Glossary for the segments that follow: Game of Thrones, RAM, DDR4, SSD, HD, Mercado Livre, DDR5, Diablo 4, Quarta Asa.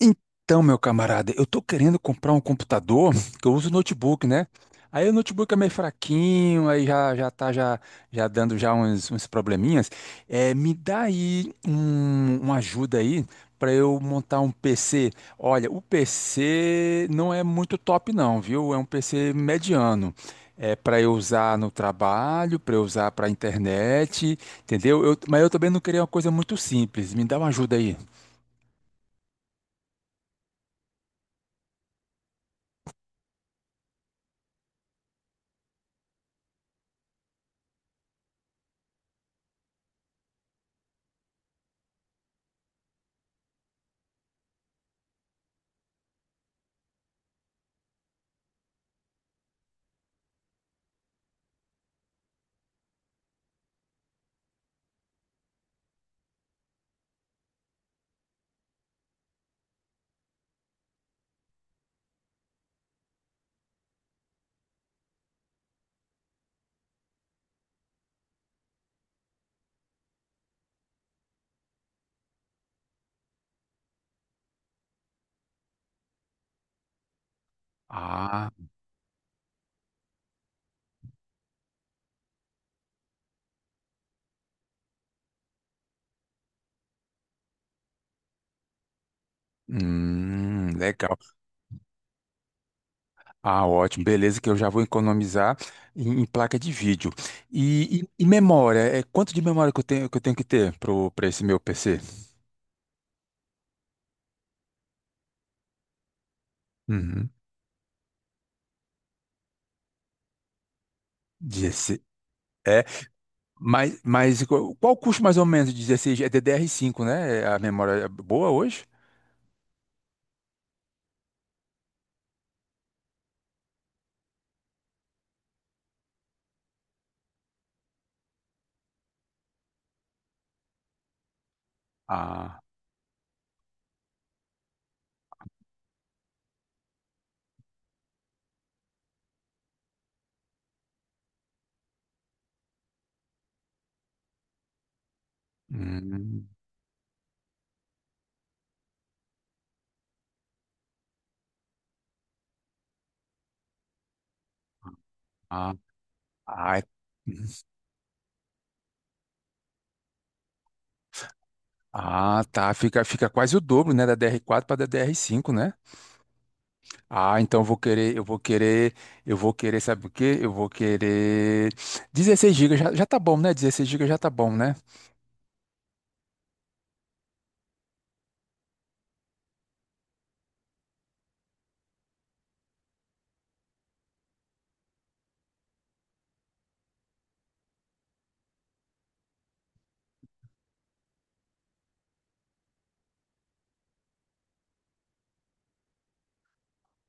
Então, meu camarada, eu tô querendo comprar um computador, que eu uso notebook, né? Aí o notebook é meio fraquinho, aí já tá já dando já uns probleminhas. É, me dá aí uma ajuda aí para eu montar um PC. Olha, o PC não é muito top não, viu? É um PC mediano. É para eu usar no trabalho, para eu usar para internet, entendeu? Mas eu também não queria uma coisa muito simples. Me dá uma ajuda aí. Legal. Ah, ótimo. Beleza, que eu já vou economizar em placa de vídeo. E memória? É, quanto de memória que eu tenho que ter para esse meu PC? Uhum. 16. É, mas qual o custo mais ou menos de 16? É DDR5, né? A memória é boa hoje? Ah, hum, ah, ah, ah, tá. Fica quase o dobro, né? Da DR4 para DDR5, né? Ah, então eu vou querer, eu vou querer, eu vou querer, sabe o quê? Eu vou querer 16 GB, já tá bom, né? 16 GB já tá bom, né?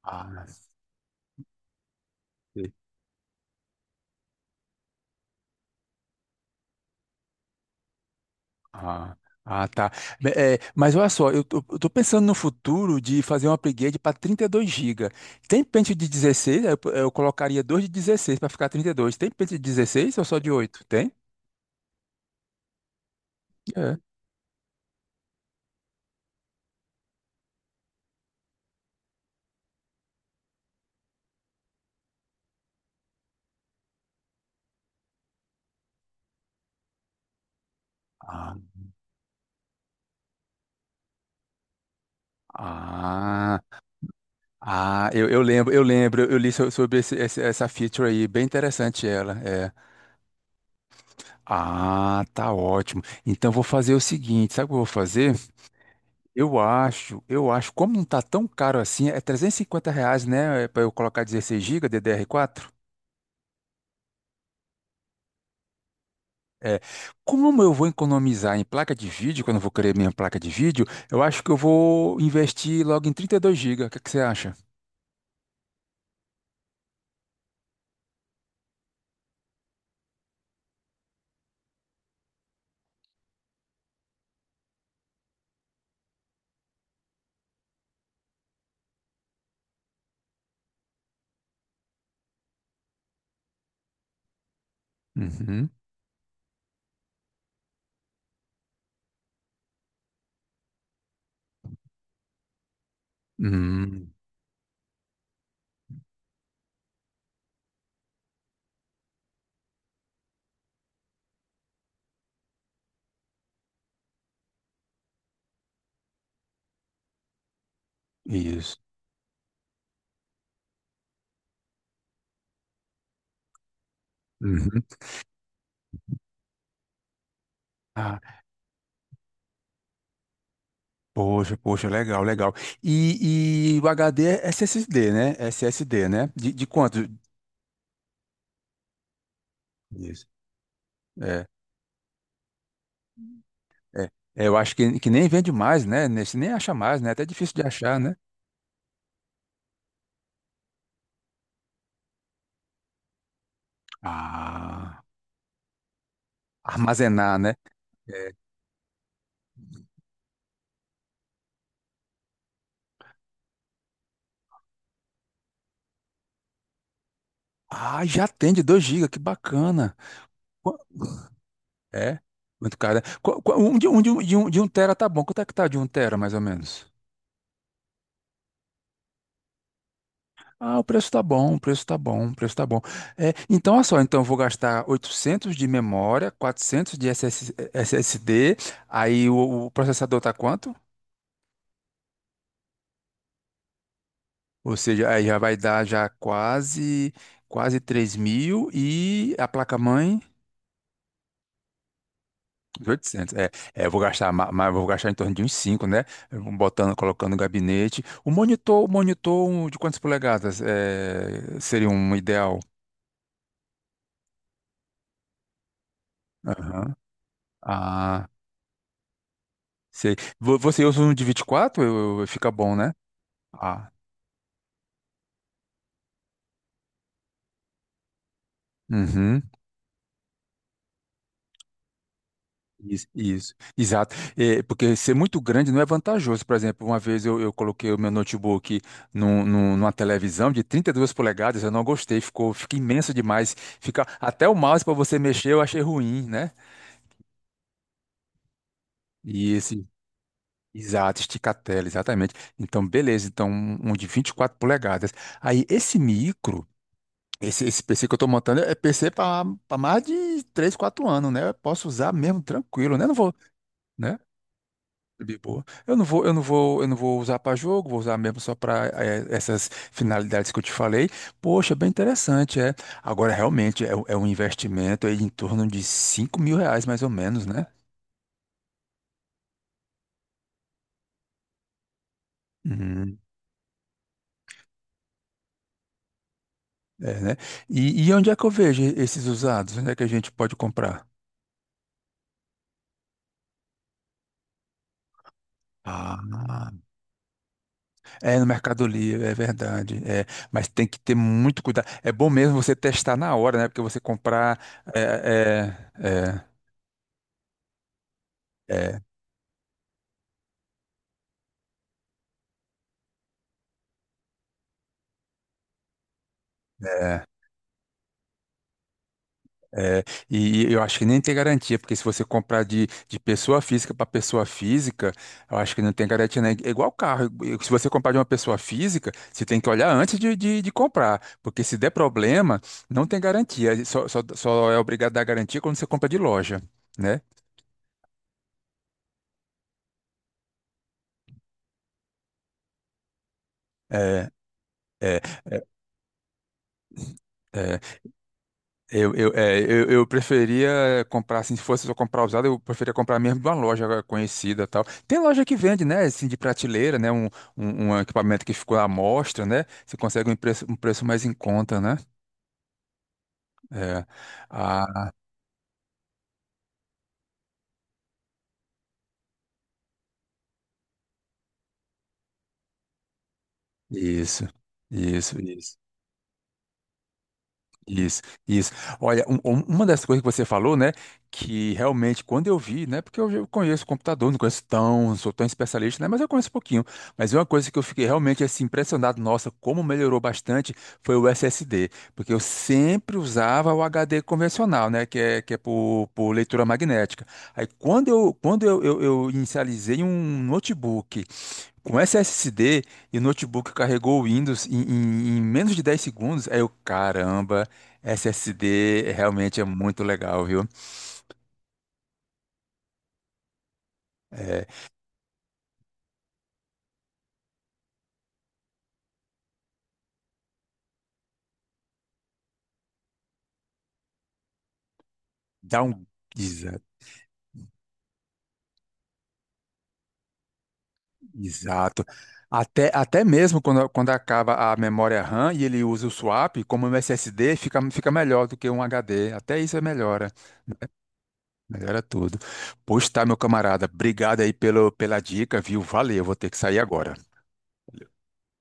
Ah, sim. Ah, ah, tá. É, mas olha só, eu tô pensando no futuro de fazer um upgrade para 32 GB. Tem pente de 16, eu colocaria dois de 16 para ficar 32. Tem pente de 16 ou só de oito? Tem? É. Ah, ah, ah, eu lembro, sobre essa feature aí, bem interessante ela. É. Ah, tá ótimo. Então vou fazer o seguinte, sabe o que eu vou fazer? Eu acho, como não tá tão caro assim, é 350 reais, né, para eu colocar 16 GB DDR4? É, como eu vou economizar em placa de vídeo, quando eu vou querer minha placa de vídeo, eu acho que eu vou investir logo em 32 GB. O que é que você acha? Uhum. Hum, isso. Uhum. Ah, poxa, poxa, legal, legal. E o HD é SSD, né? SSD, né? De quanto? Isso. É, é, eu acho que nem vende mais, né? Nesse nem acha mais, né? Até difícil de achar, né? Ah, armazenar, né? É. Ah, já tem de 2 GB, que bacana. Qu- É, muito caro, né? Um de um tera tá bom. Quanto é que tá de um tera, mais ou menos? Ah, o preço tá bom, o preço tá bom, o preço tá bom. É, então, olha só, então eu vou gastar 800 de memória, 400 de S S D. Aí o processador tá quanto? Ou seja, aí já vai dar já quase 3 mil e a placa-mãe 800. É, eu vou gastar, ma- mas eu vou gastar em torno de uns cinco, né? Eu vou botando, colocando no gabinete. O monitor um de quantas polegadas seria um ideal? Aham. Ah, sei. Você usa um de 24? Fica bom, né? Ah. Uhum. Isso, exato. É, porque ser muito grande não é vantajoso. Por exemplo, uma vez eu coloquei o meu notebook numa televisão de 32 polegadas, eu não gostei, fica imenso demais. Fica até o mouse para você mexer, eu achei ruim, né? E esse, exato, estica a tela, exatamente. Então, beleza, então um de 24 polegadas. Aí esse PC que eu estou montando é PC para mais de 3 4 anos, né? Eu posso usar mesmo tranquilo, né? Não vou, né? De boa. Eu não vou, eu não vou, eu não vou usar para jogo, vou usar mesmo só para essas finalidades que eu te falei. Poxa, bem interessante, é. Agora, realmente, é, é um investimento aí em torno de 5 mil reais, mais ou menos, né? Uhum. É, né? E onde é que eu vejo esses usados? Onde é que a gente pode comprar? Ah, é no Mercado Livre, é verdade. É, mas tem que ter muito cuidado. É bom mesmo você testar na hora, né? Porque você comprar. É, é, é, é, é. É, e eu acho que nem tem garantia, porque se você comprar de pessoa física para pessoa física, eu acho que não tem garantia, né? É igual carro. Se você comprar de uma pessoa física, você tem que olhar antes de comprar, porque se der problema, não tem garantia. Só é obrigado a dar garantia quando você compra de loja, né? É, é, é, é. Eu preferia comprar, assim, se fosse só comprar usado, eu preferia comprar mesmo de uma loja conhecida e tal. Tem loja que vende, né, assim, de prateleira, né, um equipamento que ficou à mostra, né, você consegue um preço mais em conta, né? É. Ah, isso, isso, isso. Isso, isso. Olha, uma das coisas que você falou, né, que realmente quando eu vi, né, porque eu conheço computador, não conheço tão, sou tão especialista, né, mas eu conheço um pouquinho. Mas uma coisa que eu fiquei realmente assim impressionado, nossa, como melhorou bastante, foi o SSD, porque eu sempre usava o HD convencional, né, que é por leitura magnética. Aí quando eu inicializei um notebook com SSD e o notebook carregou o Windows em, em menos de 10 segundos, aí eu, caramba, SSD realmente é muito legal, viu? É, dá um. exa- Exato. Até mesmo quando acaba a memória RAM e ele usa o swap, como um SSD, fica melhor do que um HD. Até isso é melhora. Melhora tudo. Pois tá, meu camarada. Obrigado aí pelo, pela dica, viu? Valeu, vou ter que sair agora.